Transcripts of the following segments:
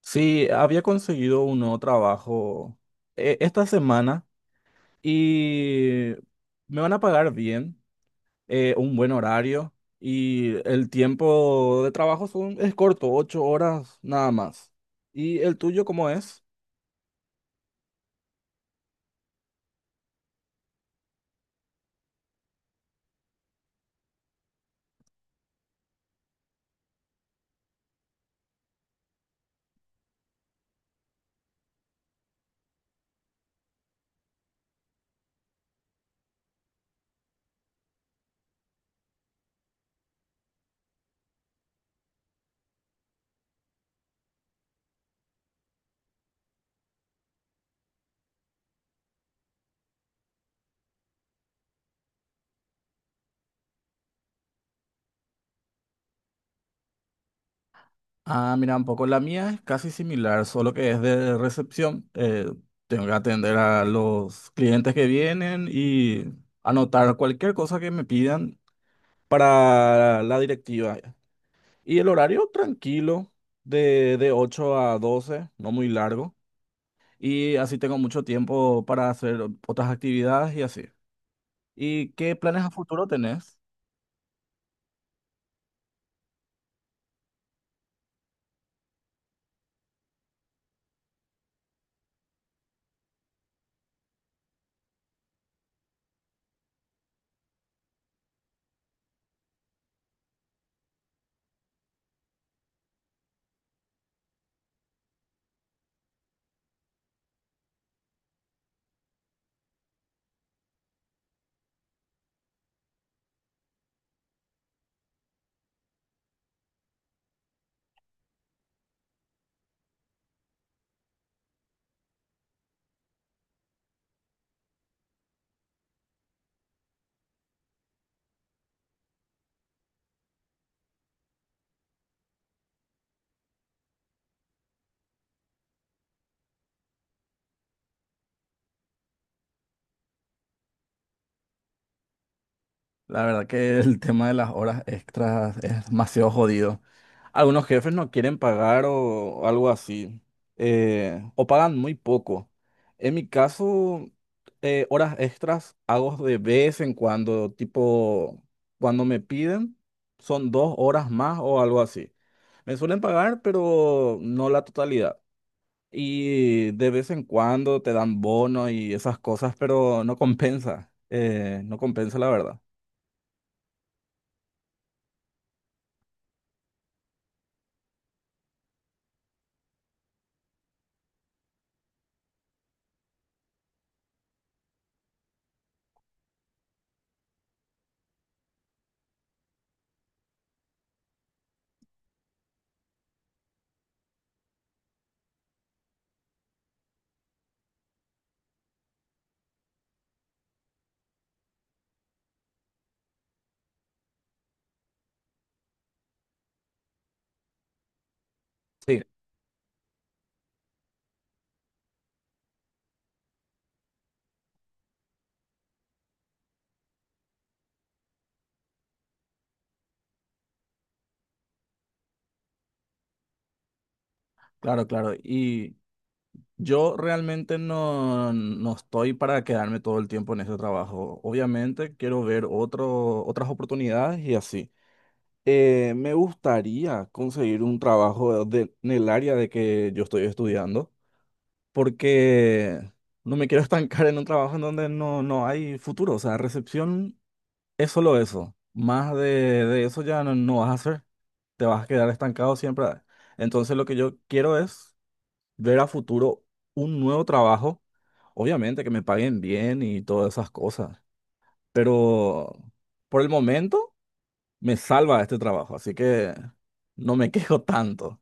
Sí, había conseguido un nuevo trabajo esta semana y me van a pagar bien, un buen horario y el tiempo de trabajo es corto, 8 horas nada más. ¿Y el tuyo cómo es? Ah, mira, un poco la mía es casi similar, solo que es de recepción. Tengo que atender a los clientes que vienen y anotar cualquier cosa que me pidan para la directiva. Y el horario tranquilo, de 8 a 12, no muy largo. Y así tengo mucho tiempo para hacer otras actividades y así. ¿Y qué planes a futuro tenés? La verdad que el tema de las horas extras es demasiado jodido. Algunos jefes no quieren pagar o algo así, o pagan muy poco. En mi caso, horas extras hago de vez en cuando, tipo, cuando me piden, son 2 horas más o algo así. Me suelen pagar, pero no la totalidad. Y de vez en cuando te dan bonos y esas cosas, pero no compensa, no compensa la verdad. Sí. Claro, claro. Y yo realmente no estoy para quedarme todo el tiempo en ese trabajo. Obviamente quiero ver otras oportunidades y así. Me gustaría conseguir un trabajo en el área de que yo estoy estudiando, porque no me quiero estancar en un trabajo en donde no hay futuro. O sea, recepción es solo eso. Más de eso ya no vas a hacer. Te vas a quedar estancado siempre. Entonces lo que yo quiero es ver a futuro un nuevo trabajo, obviamente que me paguen bien y todas esas cosas, pero por el momento me salva este trabajo, así que no me quejo tanto.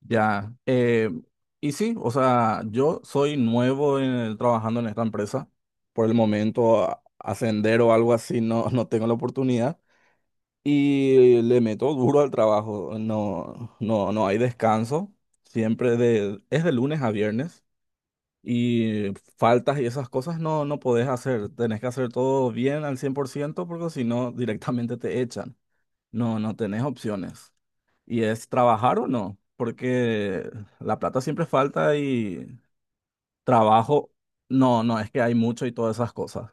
Ya, y sí, o sea, yo soy trabajando en esta empresa, por el momento ascender o algo así no tengo la oportunidad. Y le meto duro al trabajo, no hay descanso, siempre es de lunes a viernes. Y faltas y esas cosas no podés hacer. Tenés que hacer todo bien al 100% porque si no, directamente te echan. No tenés opciones. Y es trabajar o no, porque la plata siempre falta y trabajo, no es que hay mucho y todas esas cosas.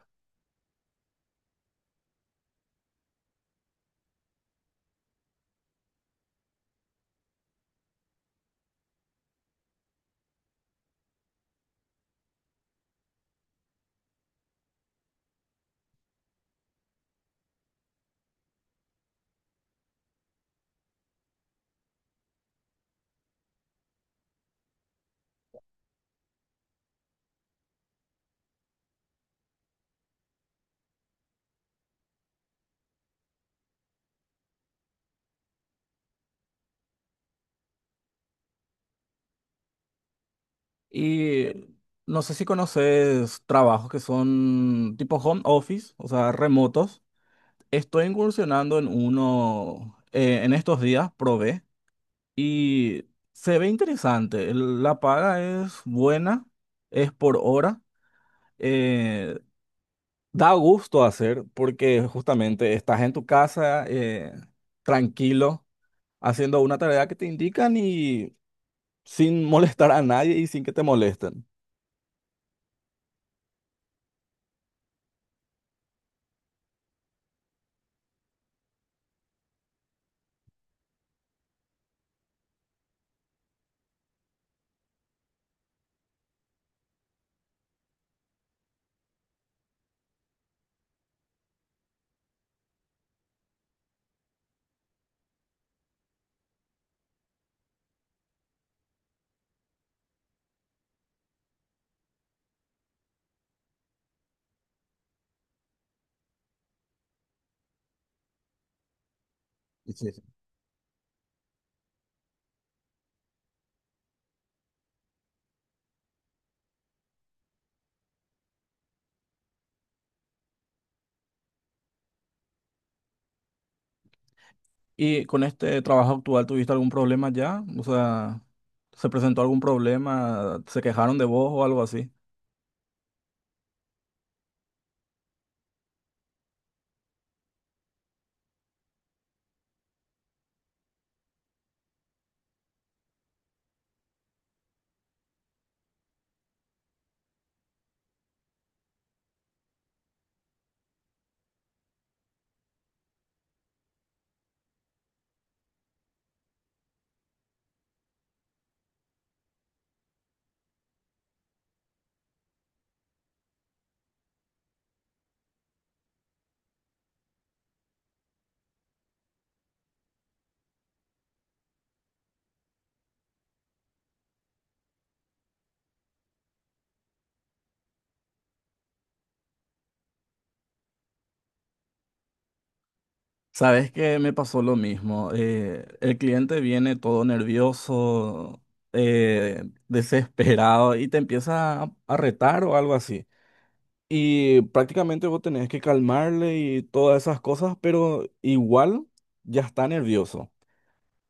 Y no sé si conoces trabajos que son tipo home office, o sea, remotos. Estoy incursionando en uno en estos días, probé. Y se ve interesante. La paga es buena, es por hora. eh, Da gusto hacer porque justamente estás en tu casa, tranquilo, haciendo una tarea que te indican y sin molestar a nadie y sin que te molesten. Sí, sí. ¿Y con este trabajo actual tuviste algún problema ya? O sea, ¿se presentó algún problema? ¿Se quejaron de vos o algo así? Sabes que me pasó lo mismo. El cliente viene todo nervioso, eh, desesperado y te empieza a retar o algo así. Y prácticamente vos tenés que calmarle y todas esas cosas, pero igual ya está nervioso.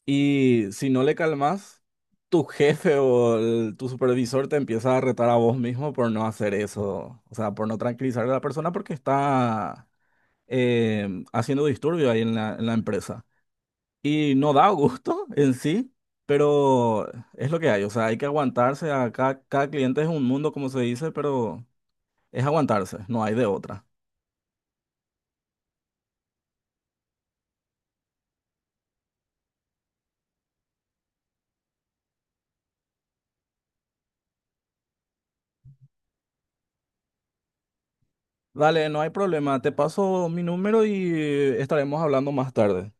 Y si no le calmas, tu jefe o tu supervisor te empieza a retar a vos mismo por no hacer eso. O sea, por no tranquilizar a la persona porque está haciendo disturbio ahí en la empresa. Y no da gusto en sí, pero es lo que hay. O sea, hay que aguantarse. Cada cliente es un mundo, como se dice, pero es aguantarse, no hay de otra. Dale, no hay problema. Te paso mi número y estaremos hablando más tarde.